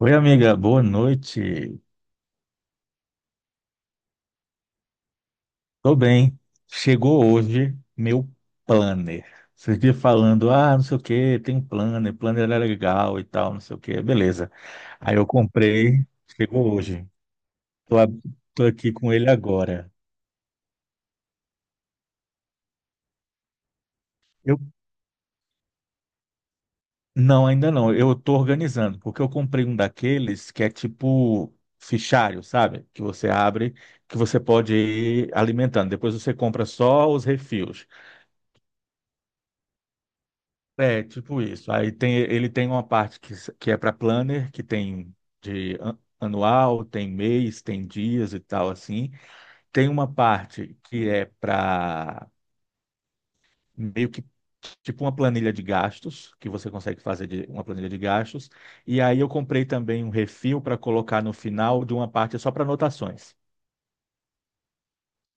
Oi, amiga, boa noite. Tô bem. Chegou hoje meu planner. Vocês viram falando, não sei o que, tem um planner, planner é legal e tal, não sei o que, beleza. Aí eu comprei, chegou hoje. Tô, ab- Tô aqui com ele agora. Eu, não, ainda não, eu tô organizando, porque eu comprei um daqueles que é tipo fichário, sabe? Que você abre, que você pode ir alimentando. Depois você compra só os refis. É, tipo isso. Aí tem, ele tem uma parte que, que é para planner, que tem de anual, tem mês, tem dias e tal assim. Tem uma parte que é para meio que tipo uma planilha de gastos, que você consegue fazer de uma planilha de gastos. E aí eu comprei também um refil para colocar no final de uma parte só para anotações.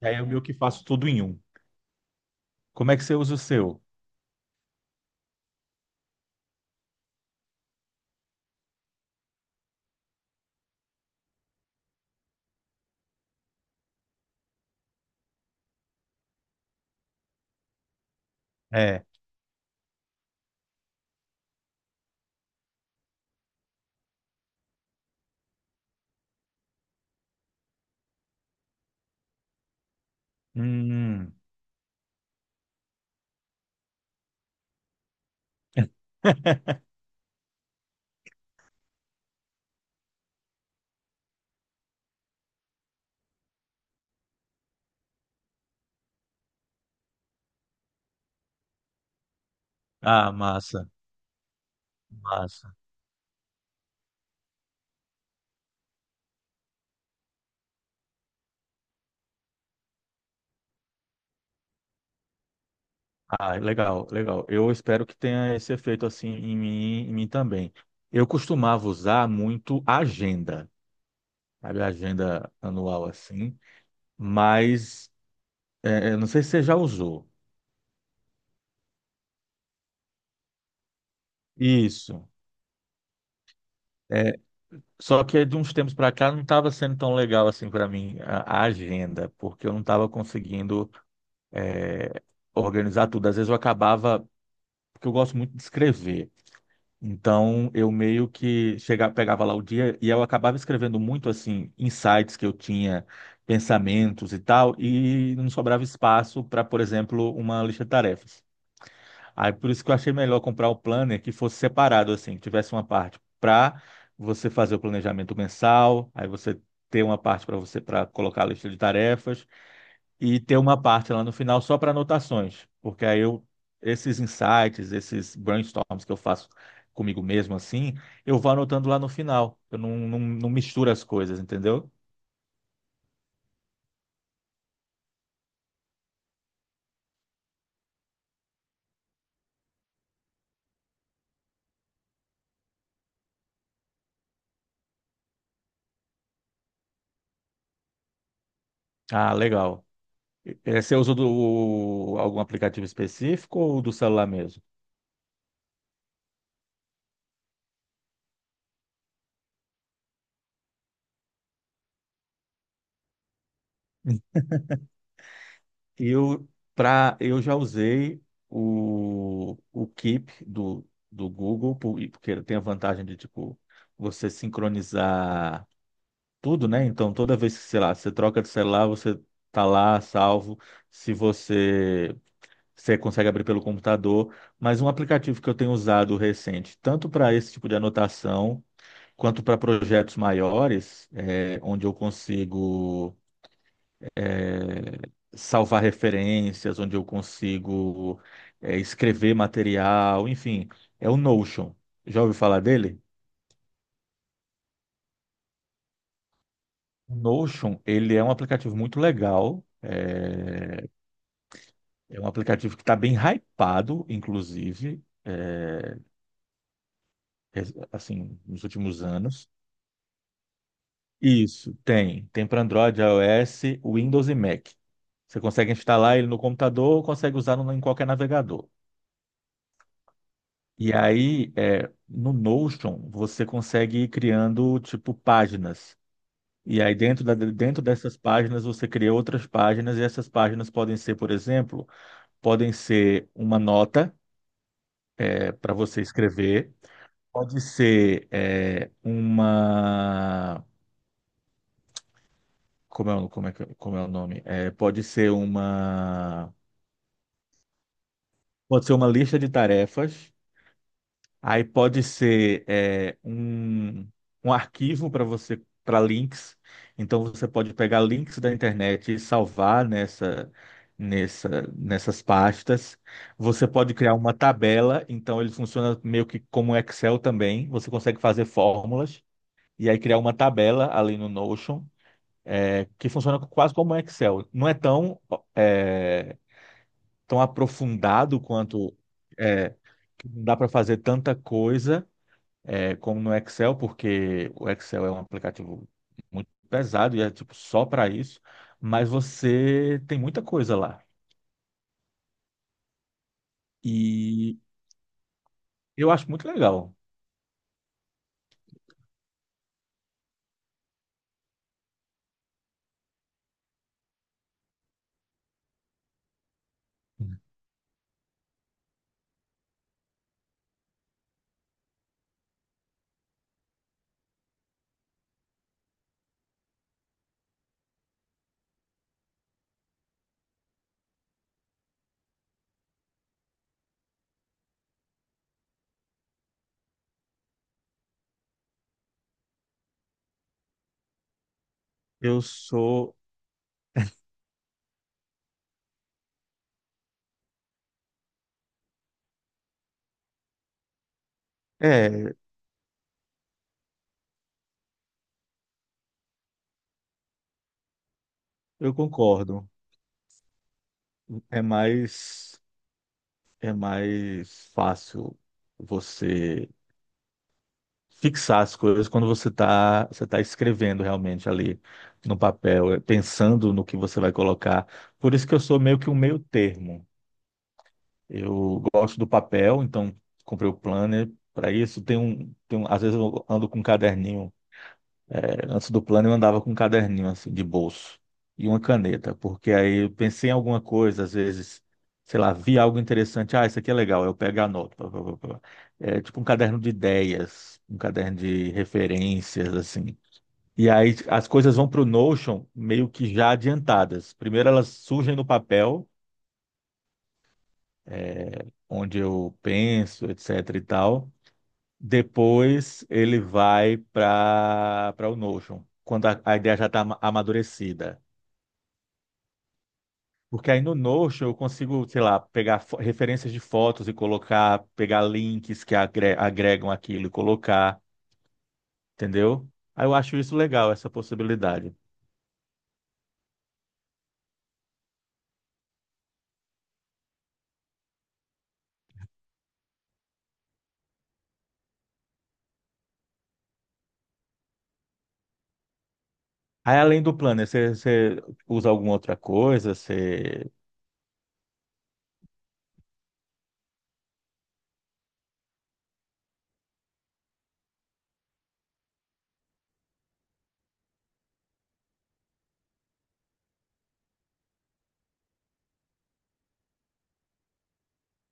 E aí eu meio que faço tudo em um. Como é que você usa o seu? É. Hum. Ah, massa, massa. Ah, legal, legal. Eu espero que tenha esse efeito assim em mim também. Eu costumava usar muito a agenda, sabe, a agenda anual assim, mas eu não sei se você já usou. Isso. É, só que de uns tempos para cá não estava sendo tão legal assim para mim a agenda, porque eu não estava conseguindo é, organizar tudo. Às vezes eu acabava, porque eu gosto muito de escrever. Então, eu meio que chegava, pegava lá o dia e eu acabava escrevendo muito assim, insights que eu tinha, pensamentos e tal, e não sobrava espaço para, por exemplo, uma lista de tarefas. Aí por isso que eu achei melhor comprar o planner que fosse separado assim, que tivesse uma parte para você fazer o planejamento mensal, aí você ter uma parte para você para colocar a lista de tarefas e ter uma parte lá no final só para anotações, porque aí eu, esses insights, esses brainstorms que eu faço comigo mesmo assim, eu vou anotando lá no final. Eu não misturo as coisas, entendeu? Ah, legal. Você usa algum aplicativo específico ou do celular mesmo? Eu, pra, eu já usei o Keep do Google, porque ele tem a vantagem de, tipo, você sincronizar tudo, né? Então, toda vez que, sei lá, você troca de celular, você tá lá salvo. Se você, você consegue abrir pelo computador. Mas um aplicativo que eu tenho usado recente, tanto para esse tipo de anotação, quanto para projetos maiores, onde eu consigo é, salvar referências, onde eu consigo escrever material, enfim, é o Notion. Já ouviu falar dele? O Notion, ele é um aplicativo muito legal. É um aplicativo que está bem hypado, inclusive, assim, nos últimos anos. Isso, tem. Tem para Android, iOS, Windows e Mac. Você consegue instalar ele no computador ou consegue usar em qualquer navegador. E aí, no Notion, você consegue ir criando, tipo, páginas. E aí, dentro dessas páginas, você cria outras páginas, e essas páginas podem ser, por exemplo, podem ser uma nota, para você escrever. Pode ser uma. Como é, como é, como é o nome? É, pode ser uma. Pode ser uma lista de tarefas. Aí pode ser um arquivo para você, para links. Então você pode pegar links da internet e salvar nessa, nessas pastas. Você pode criar uma tabela. Então ele funciona meio que como um Excel também. Você consegue fazer fórmulas e aí criar uma tabela ali no Notion. Que funciona quase como um Excel. Não é tão, é, tão aprofundado quanto é, que não dá para fazer tanta coisa como no Excel, porque o Excel é um aplicativo muito pesado e é tipo só para isso, mas você tem muita coisa lá. E eu acho muito legal. Eu sou. É, eu concordo. É mais, é mais fácil você fixar as coisas quando você tá escrevendo realmente ali no papel, pensando no que você vai colocar. Por isso que eu sou meio que um meio termo. Eu gosto do papel, então comprei o planner para isso. Tem um, às vezes eu ando com um caderninho antes do plano eu andava com um caderninho assim, de bolso e uma caneta, porque aí eu pensei em alguma coisa, às vezes, sei lá, vi algo interessante, ah, isso aqui é legal, eu pego a nota. Pá, pá, pá, pá. É tipo um caderno de ideias, um caderno de referências, assim. E aí as coisas vão para o Notion meio que já adiantadas. Primeiro elas surgem no papel, onde eu penso, etc e tal. Depois ele vai para o Notion, quando a ideia já está amadurecida. Porque aí no Notion eu consigo, sei lá, pegar referências de fotos e colocar, pegar links que agregam aquilo e colocar, entendeu? Aí eu acho isso legal, essa possibilidade. Aí além do Planner, você usa alguma outra coisa? Você...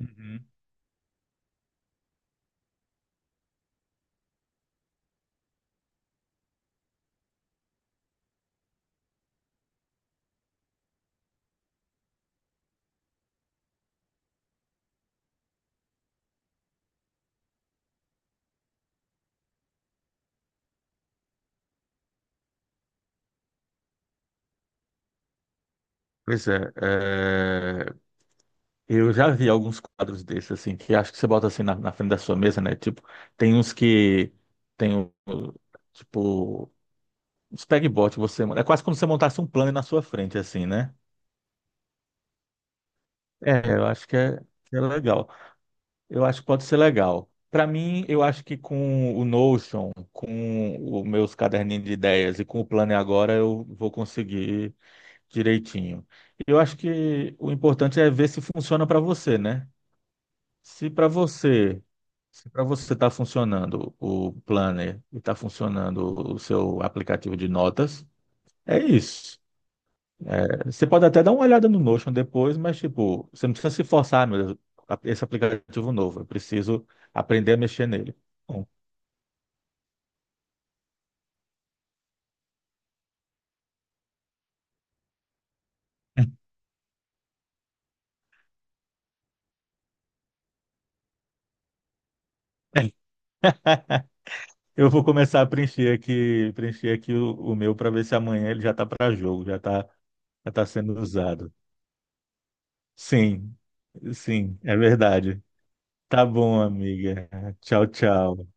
Uhum. Pois é, é, eu já vi alguns quadros desses, assim, que acho que você bota assim na frente da sua mesa, né? Tipo, tem uns que tem, tipo, uns pegboard que você... É quase como se você montasse um planner na sua frente, assim, né? É, eu acho que é, Que é legal. Eu acho que pode ser legal. Para mim, eu acho que com o Notion, com os meus caderninhos de ideias e com o plano e agora, eu vou conseguir direitinho. Eu acho que o importante é ver se funciona para você, né? Se para você, se para você está funcionando o planner e está funcionando o seu aplicativo de notas, é isso. É, você pode até dar uma olhada no Notion depois, mas tipo, você não precisa se forçar, "Ah, meu Deus, esse aplicativo novo, eu preciso aprender a mexer nele. Bom, eu vou começar a preencher aqui, o meu para ver se amanhã ele já está para jogo, já tá sendo usado. Sim, sim, é verdade. Tá bom, amiga. Tchau, tchau.